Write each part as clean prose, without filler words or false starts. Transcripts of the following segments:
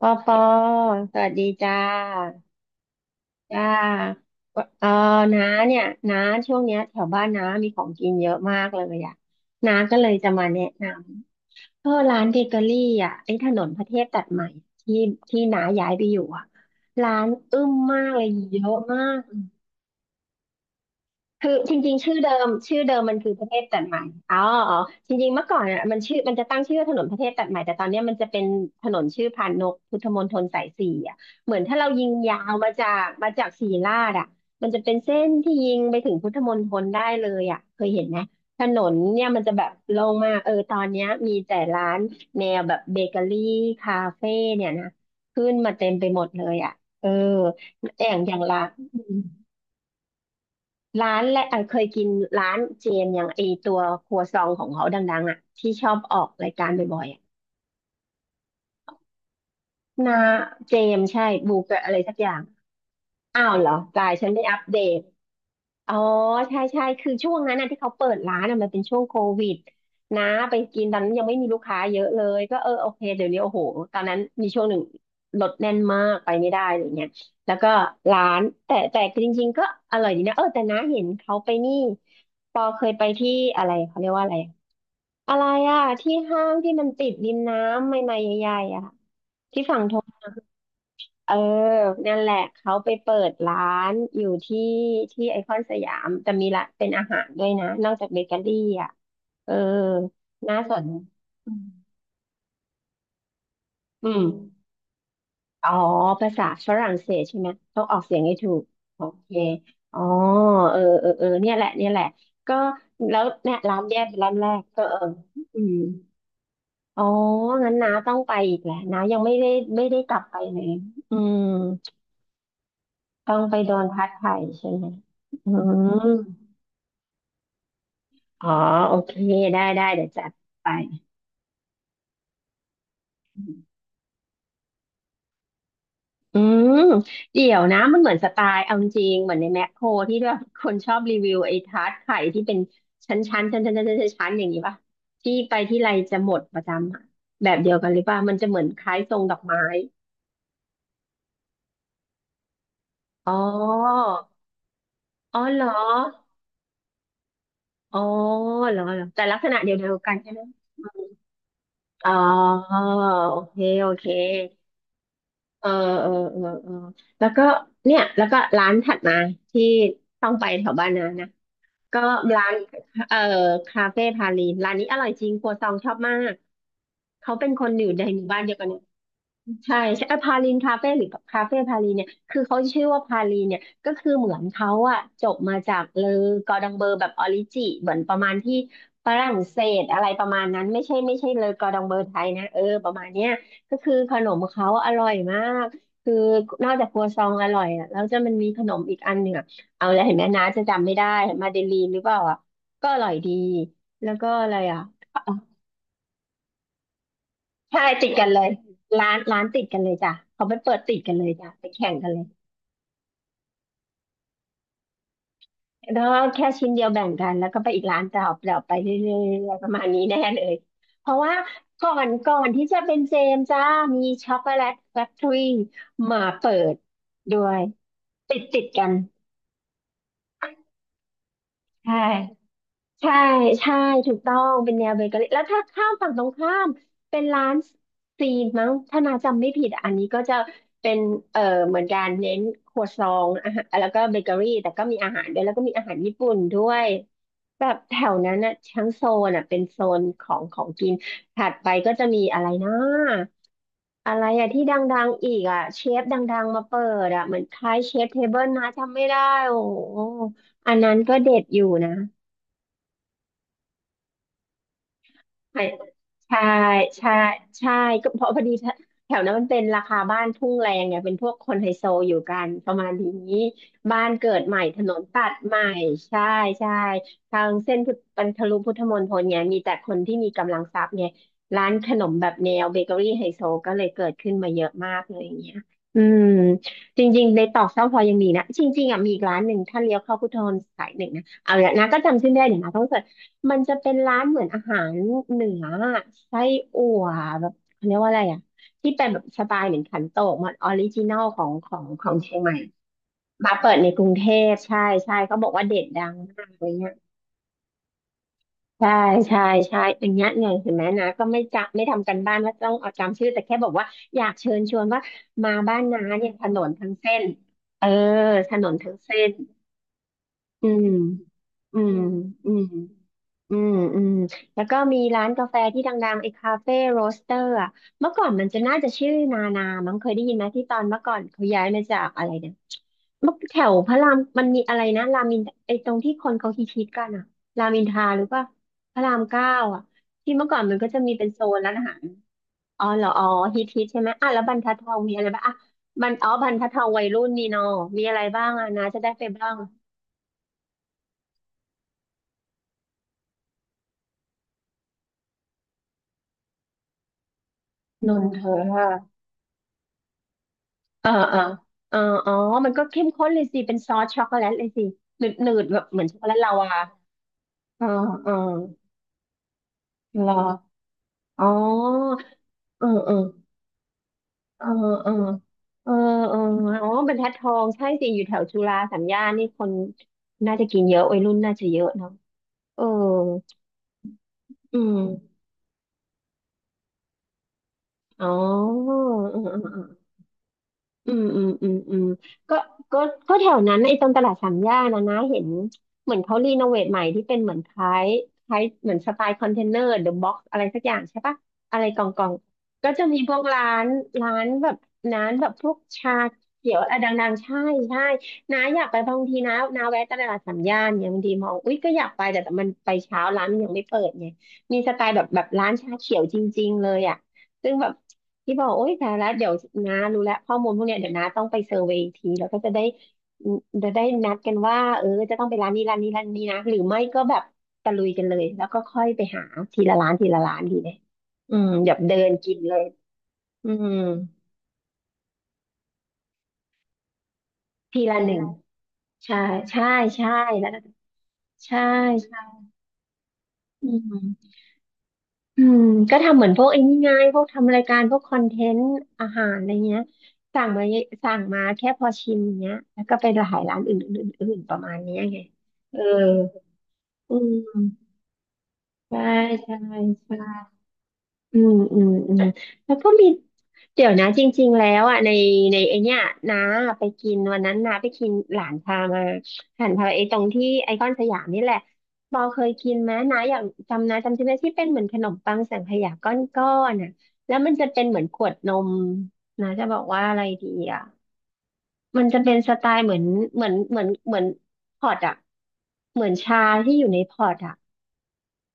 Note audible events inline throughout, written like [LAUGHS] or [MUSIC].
ปอปอสวัสดีจ้า จ้าเออน้าเนี่ย น้าช่วงเนี้ยแถวบ้านน้ามีของกินเยอะมากเลยอ่ะน้าก็เลยจะมาแนะนำเออร้านเบเกอรี่อ่ะไอ้ถนนพระเทพตัดใหม่ที่ที่น้าย้ายไปอยู่อ่ะร้านอึ้มมากเลยเยอะมาก คือจริงๆชื่อเดิมมันคือประเทศตัดใหม่อ๋ออ๋อจริงๆเมื่อก่อนอ่ะมันชื่อมันจะตั้งชื่อว่าถนนประเทศตัดใหม่แต่ตอนเนี้ยมันจะเป็นถนนชื่อพานนกพุทธมณฑลสายสี่อ่ะเหมือนถ้าเรายิงยาวมาจากศรีราชอ่ะมันจะเป็นเส้นที่ยิงไปถึงพุทธมณฑลได้เลยอ่ะเคยเห็นไหมถนนเนี่ยมันจะแบบโล่งมากเออตอนเนี้ยมีแต่ร้านแนวแบบเบเกอรี่คาเฟ่เนี่ยนะขึ้นมาเต็มไปหมดเลยอ่ะเอออย่างอย่างละ ร้านและเคยกินร้านเจนอย่างไอตัวครัวซองของเขาดังๆอ่ะที่ชอบออกรายการบ่อยๆอ่ะนาเจมใช่บูเกอร์อะไรสักอย่างอ้าวเหรอกายฉันไม่อัปเดต อ๋อใช่ใช่คือช่วงนั้นนะที่เขาเปิดร้านน่ะมันเป็นช่วงโควิดนะไปกินตอนนั้นยังไม่มีลูกค้าเยอะเลยก็เออโอเคเดี๋ยวนี้โอ้โหตอนนั้นมีช่วงหนึ่งรถแน่นมากไปไม่ได้อะไรเงี้ยแล้วก็ร้านแต่จริงๆก็อร่อยดีนะเออแต่น้าเห็นเขาไปนี่ปอเคยไปที่อะไรเขาเรียกว่าอะไรอะไรอะที่ห้างที่มันติดริมน้ำใหม่ๆใหญ่ๆอะที่ฝั่งท เออนั่นแหละเขาไปเปิดร้านอยู่ที่ไอคอนสยามแต่มีละเป็นอาหารด้วยนะนอกจากเบเกอรี่อ่ะเออน่าสนอืมอืมอ๋อภาษาฝรั่งเศสใช่ไหมต้องออกเสียงให้ถูกโอเคอ๋อเออเออเออเนี่ยแหละเนี่ยแหละก็แล้วเนี่ยร้านแยกร้านแรกก็เอออืมอ๋องั้นน้าต้องไปอีกแหละน้ายังไม่ได้ไม่ได้กลับไปเลยอืม ต้องไปโดนพัดไข่ใช่ไหมอืมอ๋อโอเคได้ได้เดี๋ยวจัดไปอืมเดี๋ยวนะ มันเหมือนสไตล์เอาจริงๆเหมือนในแมคโครที่แบบคนชอบรีวิวไอ้ทาร์ตไข่ที่เป็นชั้นๆชั้นๆชั้นๆชั้นๆชั้นๆอย่างนี้ป่ะ ที่ไปที่ไรจะหมดประจำอะแบบเดียวกันหรือป่ะมันจะเหมือนคล้ายทรงดอกไม้ อ๋อ อ๋อเหรอ อ๋อเหรอเหรอแต่ลักษณะเดียวๆกันใช่ไหม อ๋อ โอเคโอเค เออเออเออเออแล้วก็เนี่ยแล้วก็ร้านถัดมาที่ต้องไปแถวบ้านนะนะก็ร้านเออคาเฟ่พาลีนร้านนี้อร่อยจริงครัวซองชอบมากเขาเป็นคนอยู่ในหมู่บ้านเดียวกัน ใช่ใช่พาลินคาเฟ่หรือคาเฟ่พาลินเนี่ยคือเขาชื่อว่าพาลินเนี่ยก็คือเหมือนเขาอะจบมาจากเลอกอร์ดองเบอร์แบบออริจิเหมือนประมาณที่ฝรั่งเศสอะไรประมาณนั้นไม่ใช่เลอกอร์ดองเบอร์ไทยนะเออประมาณเนี้ยก็คือขนมเขาอร่อยมากคือนอกจากครัวซองอร่อยอะแล้วจะมันมีขนมอีกอันหนึ่งอะเอาแล้วเห็นไหมนะจะจำไม่ได้มาเดลีนหรือเปล่าอะก็อร่อยดีแล้วก็อะไรอะ ใช่ติดกันเลยร้านติดกันเลยจ้ะเขาไปเปิดติดกันเลยจ้ะไปแข่งกันเลยแล้วก็แค่ชิ้นเดียวแบ่งกันแล้วก็ไปอีกร้านต่อเปล่าไปเรื่อยๆประมาณนี้แน่เลยเพราะว่าก่อนที่จะเป็นเจมส์จ้ามีช็อกโกแลตแฟคทอรี่มาเปิดด้วยติดกันใช่ ใช่ใช่ถูกต้องเป็นแนวเบเกอรี่แล้วถ้าข้ามฝั่งตรงข้ามเป็นร้านซีนมั้งถ้านาจำไม่ผิดอะอันนี้ก็จะเป็นเอ่อเหมือนกันเน้นครัวซองอาหารแล้วก็เบเกอรี่แต่ก็มีอาหารด้วยแล้วก็มีอาหารญี่ปุ่นด้วยแบบแถวนั้นอะทั้งโซนอะเป็นโซนของของกินถัดไปก็จะมีอะไรนะอะไรอะที่ดังๆอีกอะเชฟดังๆมาเปิดอะเหมือนคล้ายเชฟเทเบิลนะจำไม่ได้โอ้โหอันนั้นก็เด็ดอยู่นะ ใช่ใช่ใช่ใช่ก็เพราะพอดีแถวนั้นมันเป็นราคาบ้านทุ่งแรงไงเป็นพวกคนไฮโซอยู่กันประมาณนี้บ้านเกิดใหม่ถนนตัดใหม่ใช่ใช่ทางเส้นพุทธบรรพลุพุทธมณฑลไงมีแต่คนที่มีกำลังทรัพย์ไงร้านขนมแบบแนวเบเกอรี่ไฮโซก็เลยเกิดขึ้นมาเยอะมากเลยอย่างเงี้ยอืมจริงๆในตอกเสาพลอยยังมีนะจริงๆอ่ะมีอีกร้านหนึ่งถ้าเลี้ยวเข้าพุทธมณฑลสายหนึ่งนะเอาละนะก็จำชื่อไม่ได้เดี๋ยวนะต้อง มันจะเป็นร้านเหมือนอาหารเหนือไส้อั่วแบบเขาเรียกว่าอะไรอ่ะที่เป็นแบบสไตล์เหมือนขันโตกมันออริจินอลของเชียงใหม่มาเปิดในกรุงเทพใช่ใช่เขาบอกว่าเด็ดดังมากอะไรเงี้ยใช่ใช่ใช่อันเนี้ยเนี่ยเห็นไหมนะก็ไม่จำไม่ทำกันบ้านว่าต้องเอาจำชื่อแต่แค่บอกว่าอยากเชิญชวนว่ามาบ้านน้าเนี่ยถนนทั้งเส้นเออถนนทั้งเส้น อืมอืมอืมอืมอืมแล้วก็มีร้านกาแฟที่ดังๆไอ้คาเฟ่โรสเตอร์อ่ะเมื่อก่อนมันจะน่าจะชื่อนานามั้งเคยได้ยินไหมที่ตอนเมื่อก่อนเขาย้ายมาจากอะไรเนี่ยเมื่อแถวพระรามมันมีอะไรนะรามินไอ้ตรงที่คนเขาฮิตๆกันอ่ะรามินทราหรือว่าพระรามเก้าอ่ะที่เมื่อก่อนมันก็จะมีเป็นโซนร้านอาหารอ๋อเหรออ๋อฮิตฮิตใช่ไหมอ่ะแล้วบรรทัดทองมีอะไรบ้างอ่ะบันอ๋อบรรทัดทองวัยรุ่นนี่เนอะมีอะไรบ้างอ่ะนะจะได้ไปบ้างนนทา เออเออเอออ๋อมันก็เข้มข้นเลยสิเป็นซอสช็อกโกแลตเลยสิหนืดหนืดแบบเหมือนช็อกโกแลตลาวาเออเออเหรออ๋อเออเออเออเออเออเอออ๋อเป็นแพทัดทองใช่สิอยู่แถวจุฬาสามย่านนี่คนน่าจะกินเยอะวัยรุ่นน่าจะเยอะเนาะเอออืมอ๋อเออเออเออ อืมอืมอืมอืมก็ก็ก็แถวนั้นไอ้ตรงตลาดสามย่านนะเห็นเหมือนเขารีโนเวทใหม่ที่เป็นเหมือนคล้ายคล้ายเหมือนสไตล์คอนเทนเนอร์เดอะบ็อกซ์อะไรสักอย่างใช่ปะอะไรกล่องกล่องก็จะมีพวกร้านร้านแบบร้านแบบพวกชาเขียวอะไรดังๆใช่ใช่น้าอยากไปบางทีนะน้าแวะตลาดสามย่านเนี่ยบางทีมองอุ๊ยก็อยากไปแต่มันไปเช้าร้านมันยังไม่เปิดไงมีสไตล์แบบร้านชาเขียวจริงๆเลยอ่ะซึ่งแบบ ที่บอกโอ๊ยแต่แล้วเดี๋ยวนารู้แล้วข้อมูลพวกเนี้ยเดี๋ยวนาต้องไปเซอร์เวย์อีกทีแล้วก็จะได้จะได้นัดกันว่าเออจะต้องไปร้านนี้ร้านนี้ร้านนี้นะหรือไม่ก็แบบตะลุยกันเลยแล้วก็ค่อยไปหาทีละร้านทีละร้านดีไหมอืมแบบเดินกินเลยอืมทีละหนึ่งใช่ใช่ใช่แล้วก็ใช่ใช่อืม อืมก็ทำเหมือนพวกไอ้นี่ไงพวกทำรายการพวกคอนเทนต์อาหารอะไรเงี้ยสั่งมาสั่งมาแค่พอชิมเงี้ยแล้วก็ไปหลายร้านอื่นๆอื่นๆประมาณเนี้ยไงเอออืมใช่ใช่ใช่ อืมอืมอืมแล้วก็มีเดี๋ยวนะจริงๆแล้วอ่ะในไอเนี้ยน้าไปกินวันนั้นน้าไปกินหลานพามาหลานพาไปไอตรงที่ไอคอนสยามนี่แหละบอเคยกินไหมน้าอยากจำนะจำใช่ไหมที่เป็นเหมือนขนมปังสังขยาก้อนๆน่ะแล้วมันจะเป็นเหมือนขวดนมนะจะบอกว่าอะไรดีอ่ะมันจะเป็นสไตล์เหมือนเหมือนเหมือนเหมือนพอร์ตอ่ะเหมือนชาที่อยู่ในพอร์ตอ่ะ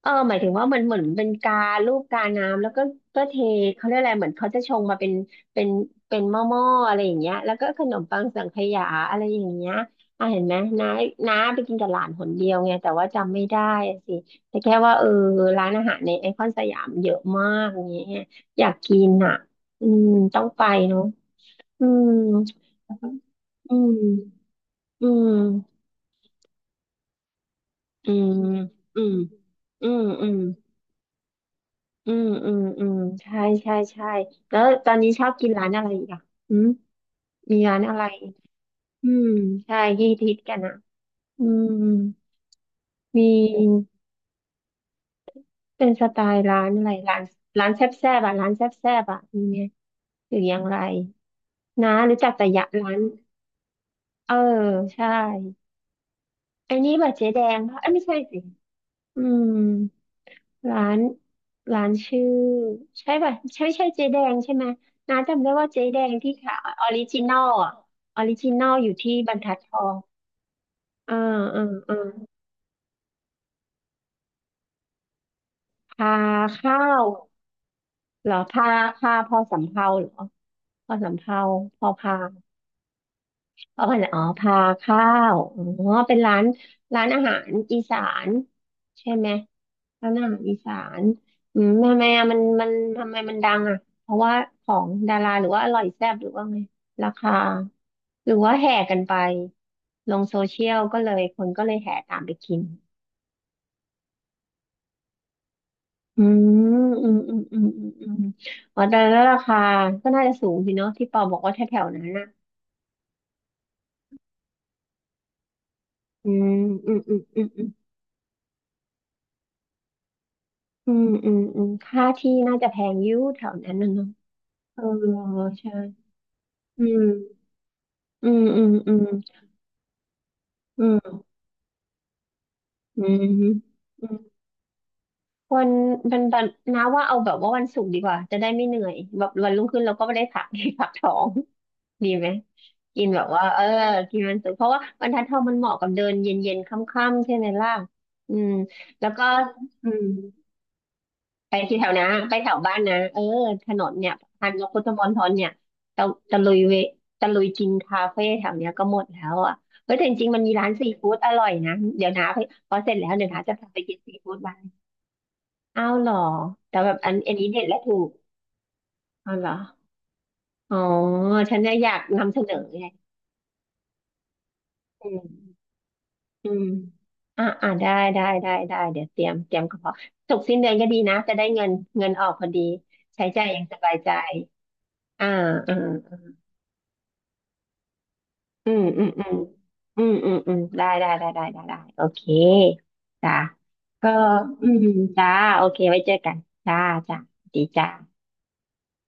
เออหมายถึงว่าเหมือนเป็นกาลูกกาน้ำแล้วก็ก็เทเขาเรียกอะไรเหมือนเขาจะชงมาเป็นเป็นหม้ออะไรอย่างเงี้ยแล้วก็ขนมปังสังขยาอะไรอย่างเงี้ยอ่ะเห็นไหมน้าน้าไปกินกับหลานหนเดียวไงแต่ว่าจำไม่ได้อะสิแต่แค่ว่าเออร้านอาหารในไอคอนสยามเยอะมากอย่างเงี้ยอยากกินอ่ะอืมต้องไปเนาะอืมอืมอืมอืมอืมอืมอืม อืมอืมอืมใช่ใช่ใช่แล้วตอนนี้ชอบกินร้านอะไรอีกอ่ะอืมมีร้านอะไรอืมใช่ที่ฮิตกันอ่ะอืมมีเป็นสไตล์ร้านอะไรร้านแซ่บแซ่บอ่ะร้านแซ่บแซ่บอ่ะมีไหมหรืออย่างไรนะรู้จักแต่ยะร้านเออใช่ไอ้นี่บะเจ๊แดงปะเอ้ยไม่ใช่สิอืม ร้านร้านชื่อใช่ป่ะใช่ใช่เจ๊แดงใช่ไหมน้าจำได้ว่าเจ๊แดงที่ขายออริจินอลอะออริจินอลอยู่ที่บรรทัดทองอ่าอ่าอ่าพาข้าวเหรอพาพอสำเภาเหรอพอสำเภาพอพาน อ๋ออ๋อพาข้าวอ๋อเป็นร้านร้านอาหารอีสานใช่ไหมร้านอาหารอีสานอืมทำไมอะมันทำไมมันดังอ่ะเพราะว่าของดาราหรือว่าอร่อยแซ่บหรือว่าไงราคาหรือว่าแห่กันไปลงโซเชียลก็เลยคนก็เลยแห่ตามไปกินอืมอืมอืมอืมอืมอืมอ๋อแต่แล้วราคาก็น่าจะสูงสิเนอะที่ปอบอกว่าแถวๆนั้นนะอืมอืมอืมอืม อืมอืมอืมค่าที่น่าจะแพงอยิ่แถวนั้นน่ะเนาะเออใช่อืมอืมอืมอืมอืมอืมอืมวันวันนะว่าเอาแบบว่าวันศุกร์ดีกว่าจะได้ไม่เหนื่อยแบบวันรุ่งขึ้นเราก็ไม่ได้พัก [LAUGHS] พักท้องดีไหมกินแบบว่าเออกินวันศุกร์เพราะว่าบรรทัดทองมันเหมาะกับเดินเย็นๆค่ำๆใช่ไหมล่ะอืมแล้วก็อืม ไปที่แถวนะไปแถวบ้านนะเออถนนเนี่ยพันกพุทธมณฑลเนี่ยตะตะลุยเวตะลุยกินคาเฟ่แถวเนี้ยก็หมดแล้วอ่ะเฮ้ยแต่จริงๆมันมีร้านซีฟู้ดอร่อยนะ เดี๋ยวนะไปพอเสร็จแล้วเดี๋ยวนะจะพาไปกินซีฟู้ดบ้างอ้าวเหรอ แต่แบบอันนี้เด็ดและถูก อ้าวเหรออ๋อฉันเนี่ยอยากนำเสนอไงอืมอืม อ่ะอ่ะได้ได้ได้ได้เดี๋ยวเตรียมกระเพาสุกร์สิ้นเดือนก็ดีนะจะได้เงินเงินออกพอดีใช้จ่ายอย่างสบายใจอ่าอ่า อืมอืมอืมอืมอืมอืมได้ได้ได้ได้ได้ได้โอเคจ้าก็อืมจ้าโอเคไว้เจอกันจ้าจ้าดีจ้า